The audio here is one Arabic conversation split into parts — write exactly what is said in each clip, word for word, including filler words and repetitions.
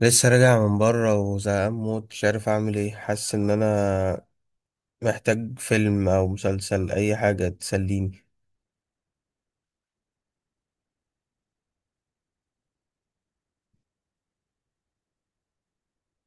لسه راجع من بره وزهقان موت، مش عارف اعمل ايه. حاسس ان انا محتاج فيلم او مسلسل، اي حاجه تسليني.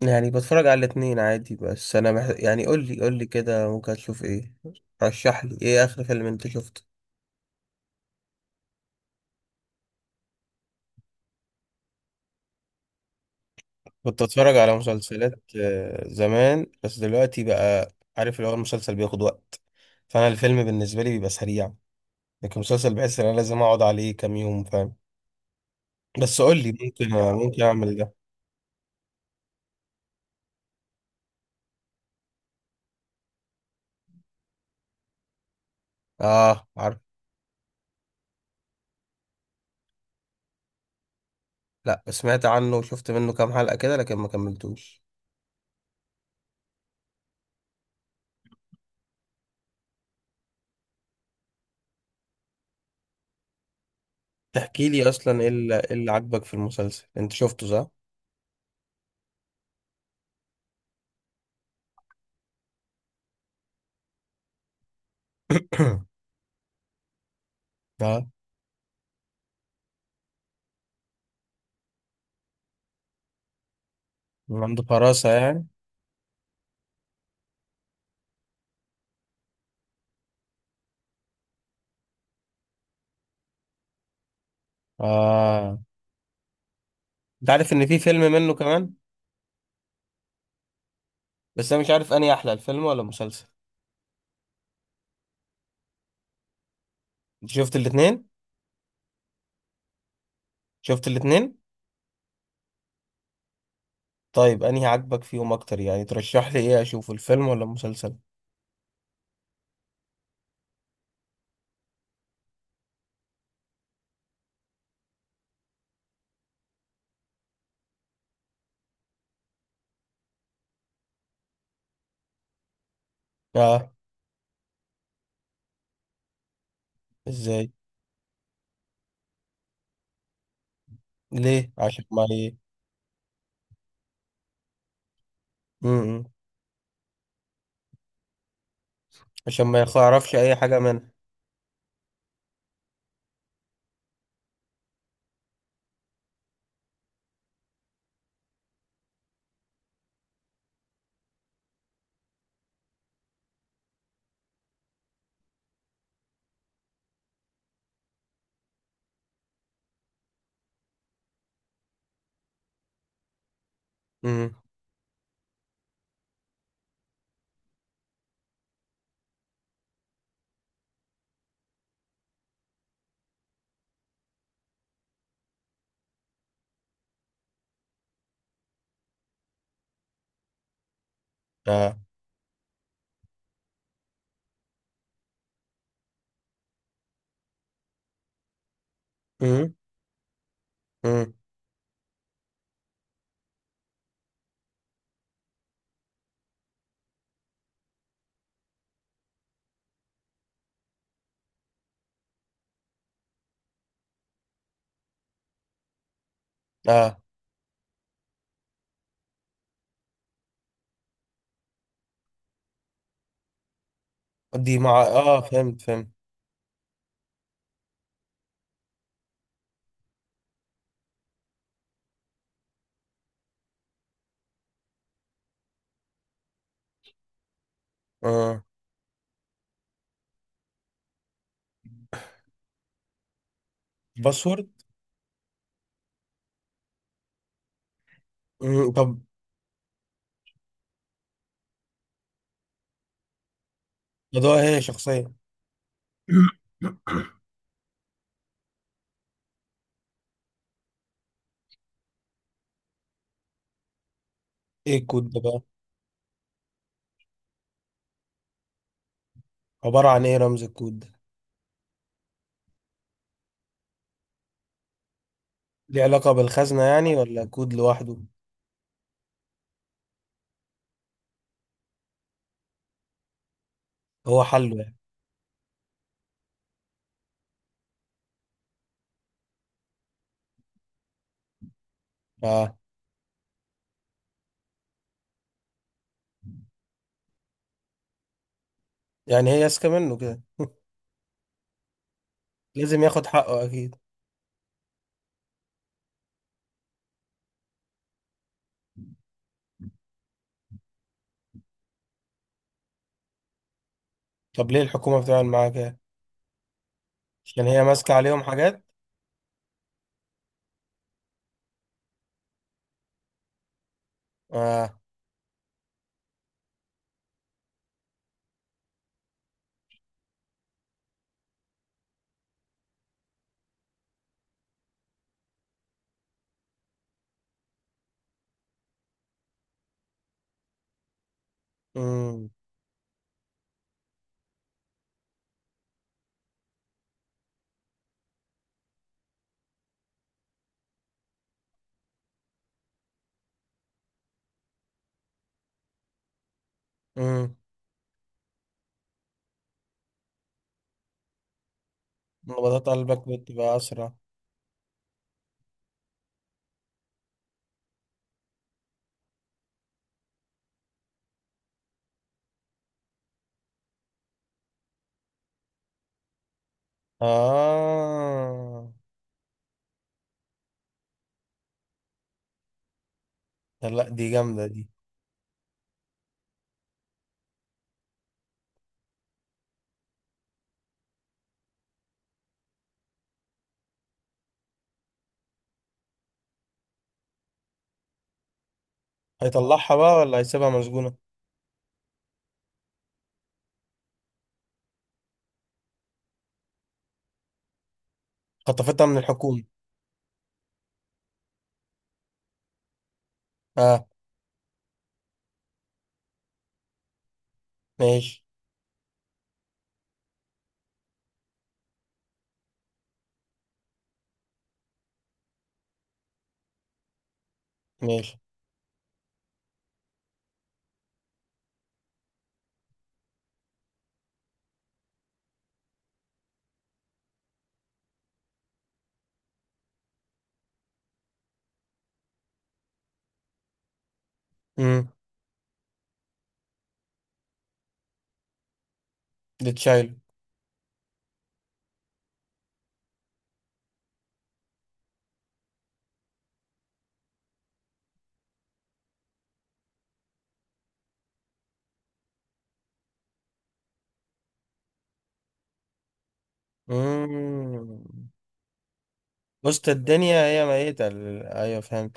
يعني بتفرج على الاتنين عادي، بس انا محتاج، يعني، قول لي قول لي كده ممكن اشوف ايه. رشح لي ايه اخر فيلم انت شفته؟ كنت اتفرج على مسلسلات آه، زمان، بس دلوقتي بقى عارف اللي هو المسلسل بياخد وقت، فانا الفيلم بالنسبه لي بيبقى سريع، لكن مسلسل بحس ان انا لازم اقعد عليه كام يوم، فاهم. بس قول لي، ممكن ممكن اعمل ده. اه، عارف. لا، سمعت عنه وشفت منه كام حلقة كده، لكن ما كملتوش. تحكي لي اصلا ايه اللي، إيه اللي عجبك في المسلسل، انت شفته صح؟ اه، عنده فراسة يعني. اه. انت عارف ان في فيلم منه كمان، بس انا مش عارف انهي احلى، الفيلم ولا المسلسل. انت شفت الاتنين؟ شفت الاتنين. طيب انهي عجبك فيهم اكتر؟ يعني ترشح لي ايه، اشوف الفيلم ولا المسلسل؟ اه. ازاي؟ ليه؟ عشان ما ي... م -م. عشان ما يعرفش اي حاجة منها. امم. اه. امم. اه. دي مع اه فهمت فهمت. اه، باسورد. مم، طب. ده هي شخصية. ايه الكود ده بقى؟ عبارة عن ايه رمز الكود ده؟ ليه علاقة بالخزنة يعني، ولا كود لوحده؟ هو حله يعني؟ اه. يعني هي ماسكة منه كده. لازم ياخد حقه اكيد. طب ليه الحكومة بتعمل معاه كده؟ عشان هي ماسكة عليهم حاجات. اه. امم. امم. نبضات قلبك بتبقى اسرع. اه. لا، دي جامدة دي. هيطلعها بقى ولا هيسيبها مسجونة؟ خطفتها من الحكومة؟ اه. ماشي. ماشي. امم. لتشايلو. امم. وسط الدنيا هي ميتة ال- ايوه فهمت.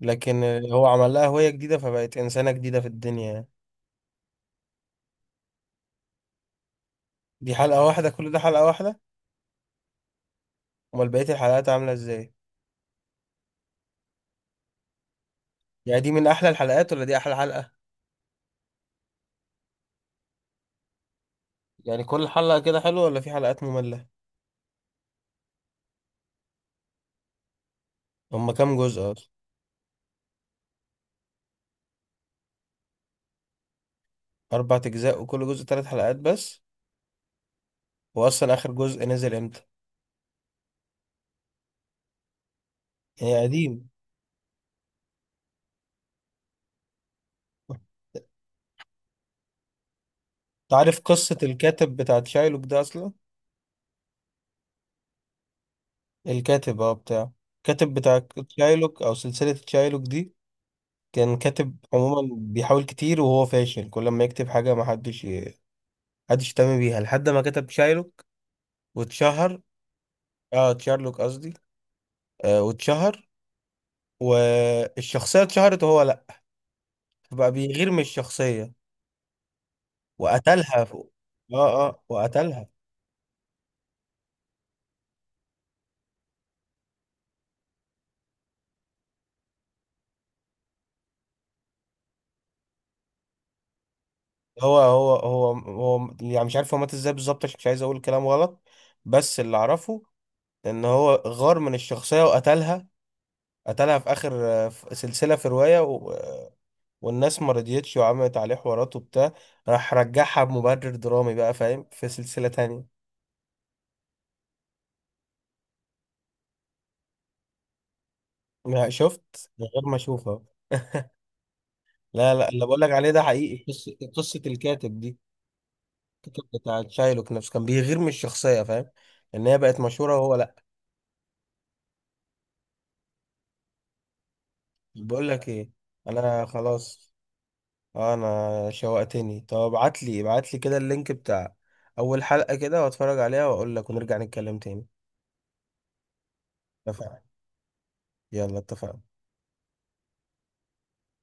لكن هو عمل لها هوية جديدة فبقت انسانة جديدة في الدنيا يعني. دي حلقة واحدة؟ كل ده حلقة واحدة؟ امال بقية الحلقات عاملة ازاي؟ يعني دي من احلى الحلقات ولا دي احلى حلقة؟ يعني كل حلقة كده حلوة ولا في حلقات مملة؟ هما كام جزء اصلا؟ اربع اجزاء وكل جزء ثلاث حلقات بس؟ واصلا اخر جزء نزل امتى؟ يعني قديم. تعرف قصة الكاتب بتاع تشايلوك ده اصلا؟ الكاتب، اه بتاعه، الكاتب بتاع تشايلوك او سلسلة تشايلوك دي، كان كاتب عموما بيحاول كتير وهو فاشل، كل ما يكتب حاجة ما حدش ي- حدش يهتم بيها لحد ما كتب تشايلوك واتشهر. اه، تشارلوك قصدي. آه، واتشهر، والشخصية اتشهرت وهو لا، بقى بيغير من الشخصية وقتلها فوق. اه اه، وقتلها. هو هو هو هو يعني مش عارف هو مات ازاي بالظبط، عشان مش عايز اقول كلام غلط، بس اللي اعرفه ان هو غار من الشخصية وقتلها. قتلها في اخر، في سلسله، في روايه، و... والناس ما رضيتش وعملت عليه حوارات وبتاع، راح رجعها بمبرر درامي بقى، فاهم، في سلسله تانية. ما شفت من غير ما اشوفها. لا لا، اللي بقول لك عليه ده حقيقي، قصه قصة الكاتب دي. الكاتب بتاع شايلوك نفسه كان بيغير من الشخصيه، فاهم، ان هي بقت مشهوره وهو لا. بقول لك ايه، انا خلاص، آه، انا شوقتني. طب ابعت لي ابعت لي كده اللينك بتاع اول حلقه كده، واتفرج عليها واقول لك ونرجع نتكلم تاني. اتفقنا. يلا اتفقنا.